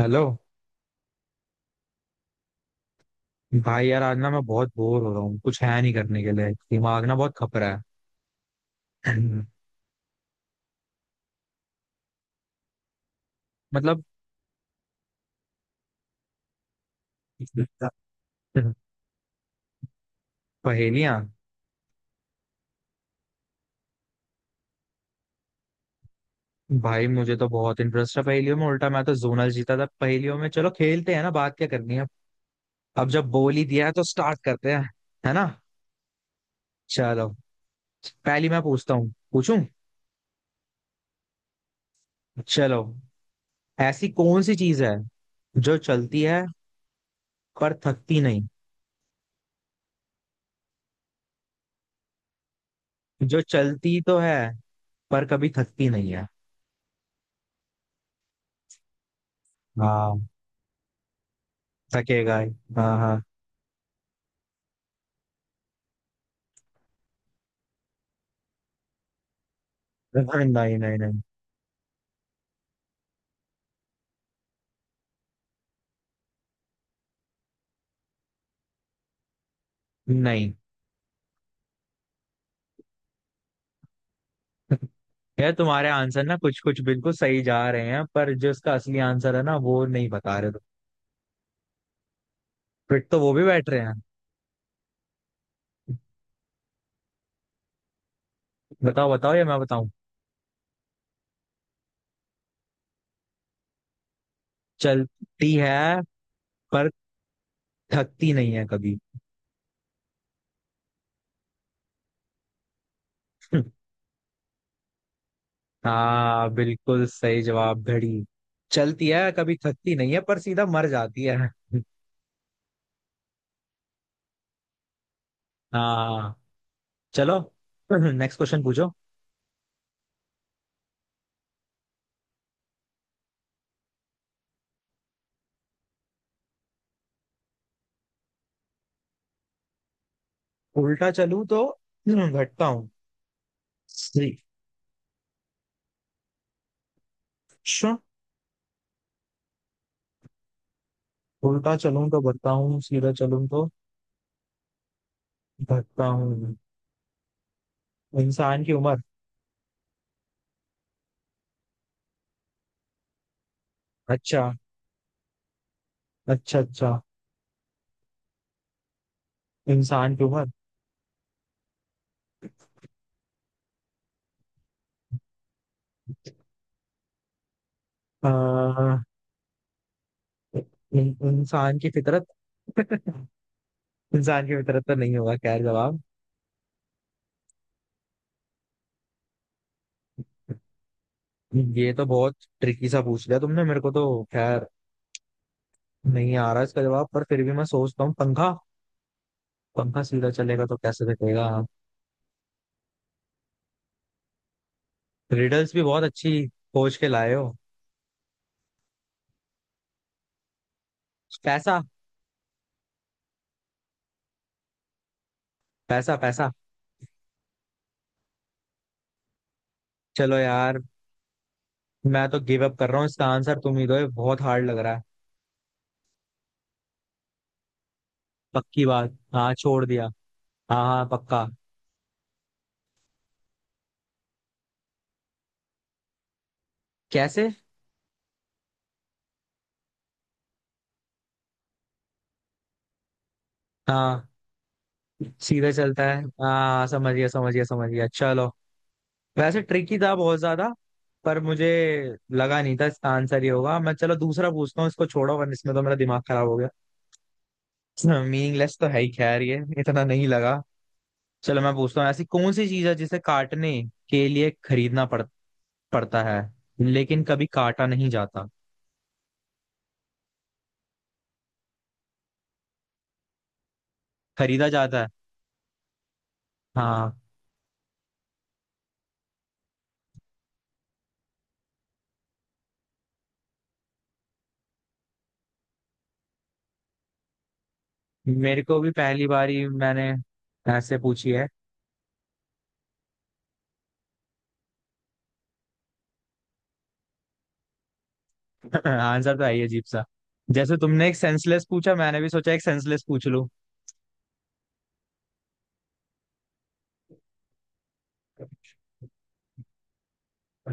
Hello. भाई यार आज ना मैं बहुत बोर हो रहा हूँ। कुछ है नहीं करने के लिए, दिमाग ना बहुत खप रहा है। मतलब, पहेलियां। भाई मुझे तो बहुत इंटरेस्ट है पहेलियों में। उल्टा मैं तो जोनल जीता था पहेलियों में। चलो खेलते हैं ना, बात क्या करनी है। अब जब बोल ही दिया है तो स्टार्ट करते हैं। है ना। चलो। पहली मैं पूछता हूँ पूछूं। चलो। ऐसी कौन सी चीज है जो चलती है पर थकती नहीं। जो चलती तो है, पर कभी थकती नहीं है। हाँ, थकेगा ही। हाँ हाँ। नहीं नहीं नहीं नहीं नहीं। यार तुम्हारे आंसर ना कुछ कुछ बिल्कुल सही जा रहे हैं, पर जो इसका असली आंसर है ना वो नहीं बता रहे तुम। फिट तो वो भी बैठ रहे हैं। बताओ बताओ, या मैं बताऊं। चलती है पर थकती नहीं है कभी। हाँ, बिल्कुल सही जवाब, घड़ी। चलती है, कभी थकती नहीं है, पर सीधा मर जाती है। हाँ। चलो। नेक्स्ट क्वेश्चन पूछो। उल्टा चलूं तो घटता हूँ। उल्टा चलूं तो बढ़ता हूँ, सीधा चलूं तो घटता हूँ। इंसान की उम्र। अच्छा। अच्छा अच्छा। इंसान की उम्र। अ, इंसान की फितरत। इंसान की फितरत तो नहीं होगा, खैर जवाब। ये तो बहुत ट्रिकी सा पूछ लिया तुमने मेरे को। तो खैर नहीं आ रहा इसका जवाब, पर फिर भी मैं सोचता हूँ पंखा। पंखा सीधा चलेगा तो कैसे कटेगा। रिडल्स भी बहुत अच्छी खोज के लाए हो। पैसा, पैसा, पैसा। चलो यार, मैं तो गिव अप कर रहा हूँ, इसका आंसर तुम ही दो, ये बहुत हार्ड लग रहा है। पक्की बात, हाँ छोड़ दिया। हाँ हाँ पक्का। कैसे? हाँ, सीधे चलता है, हाँ समझ गया, समझ गया, समझ गया। चलो। वैसे ट्रिकी था बहुत ज्यादा, पर मुझे लगा नहीं था इसका आंसर ये होगा। मैं चलो दूसरा पूछता हूँ, इसको छोड़ो वरना इसमें तो मेरा दिमाग खराब हो गया। मीनिंगलेस तो है ही, खैर ये इतना नहीं लगा। चलो मैं पूछता हूँ, ऐसी कौन सी चीज है जिसे काटने के लिए खरीदना पड़ता है, लेकिन कभी काटा नहीं जाता। खरीदा जाता है। हाँ। मेरे को भी पहली बार ही मैंने ऐसे पूछी है। आंसर तो है ही अजीब सा। जैसे तुमने एक सेंसलेस पूछा, मैंने भी सोचा एक सेंसलेस पूछ लूं तो।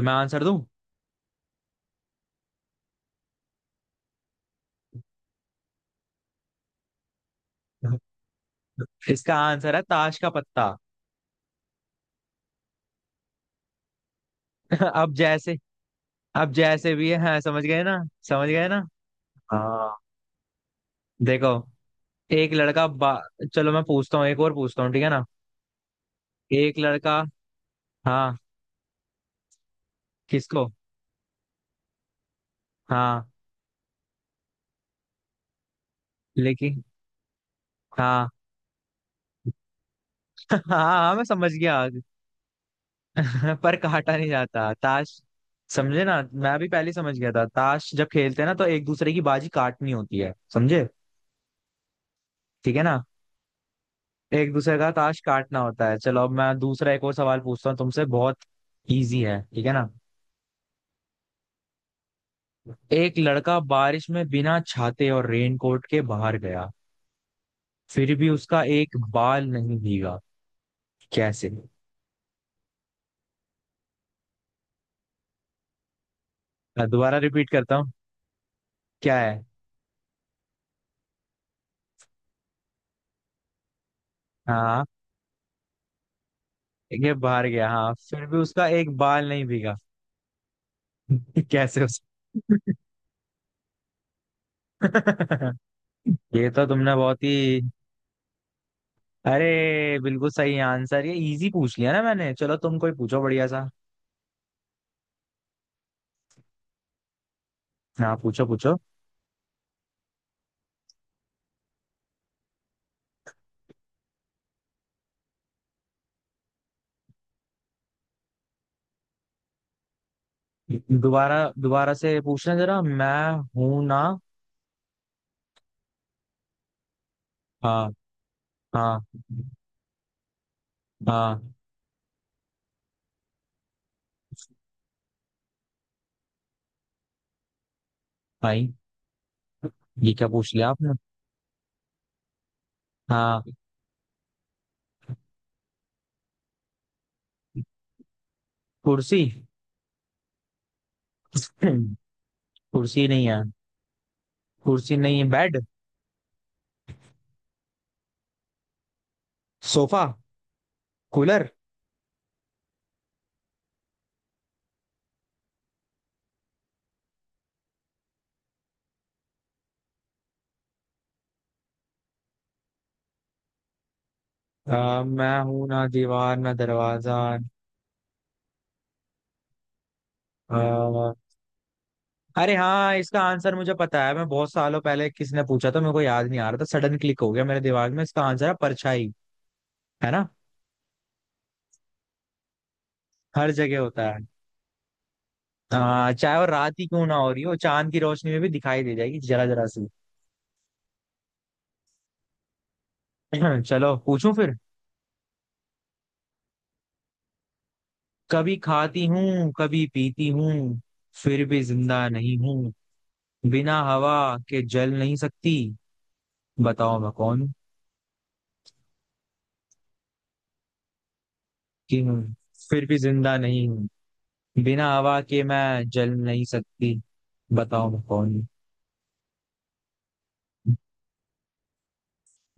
मैं आंसर दूं? इसका आंसर है ताश का पत्ता। अब जैसे अब जैसे भी है, हाँ, समझ गए ना? समझ गए ना? हाँ। देखो, एक लड़का बा... चलो मैं पूछता हूँ, एक और पूछता हूँ, ठीक है ना? एक लड़का। हाँ। किसको? हाँ। लेकिन। हाँ। हाँ हाँ, मैं समझ गया। पर काटा नहीं जाता ताश। समझे ना, मैं भी पहले ही समझ गया था, ताश जब खेलते हैं ना तो एक दूसरे की बाजी काटनी होती है, समझे? ठीक है ना? एक दूसरे का ताश काटना होता है। चलो, अब मैं दूसरा एक और सवाल पूछता हूँ तुमसे, बहुत इजी है, ठीक है ना? एक लड़का बारिश में बिना छाते और रेनकोट के बाहर गया, फिर भी उसका एक बाल नहीं भीगा। कैसे? मैं दोबारा रिपीट करता हूँ, क्या है। हाँ, ये बाहर गया, हाँ, फिर भी उसका एक बाल नहीं भीगा। कैसे उस... ये तो तुमने बहुत ही... अरे बिल्कुल सही आंसर, ये इजी पूछ लिया ना मैंने, चलो तुम कोई पूछो बढ़िया सा। हाँ पूछो पूछो। दोबारा दोबारा से पूछना जरा, मैं हूं ना। हाँ हाँ हाँ। भाई, ये क्या पूछ लिया आपने। हाँ, कुर्सी। कुर्सी नहीं है। कुर्सी नहीं है, बेड, सोफा, कूलर? मैं हूं ना दीवार ना दरवाजा, अ, अरे हाँ, इसका आंसर मुझे पता है, मैं बहुत सालों पहले, किसने पूछा था मेरे को याद नहीं आ रहा था, सडन क्लिक हो गया मेरे दिमाग में, इसका आंसर है परछाई। है ना? हर जगह होता है। हाँ, चाहे वो रात ही क्यों ना हो रही हो, चांद की रोशनी में भी दिखाई दे जाएगी जरा जरा सी। चलो पूछूं फिर। कभी खाती हूँ, कभी पीती हूँ, फिर भी जिंदा नहीं हूँ, बिना हवा के जल नहीं सकती, बताओ मैं कौन हूँ? कि हूँ। फिर भी जिंदा नहीं हूँ, बिना हवा के मैं जल नहीं सकती। बताओ मैं कौन हूँ?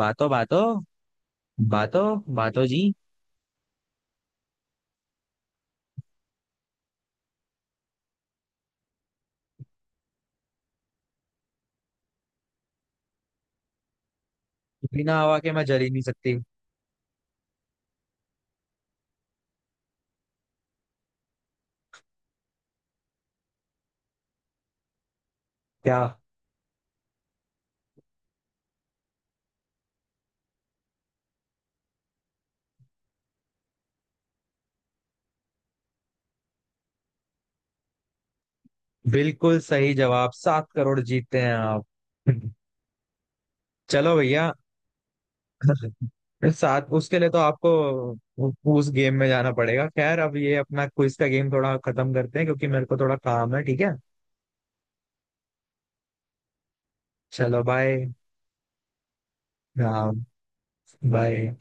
बातो, बातो, बातो, बातो जी। बिना हवा के मैं जल ही नहीं सकती। क्या? बिल्कुल सही जवाब, 7 करोड़ जीतते हैं आप। चलो भैया। साथ उसके लिए तो आपको उ- उस गेम में जाना पड़ेगा। खैर अब ये अपना क्विज का गेम थोड़ा खत्म करते हैं, क्योंकि मेरे को थोड़ा काम है, ठीक है? चलो बाय। हाँ। बाय।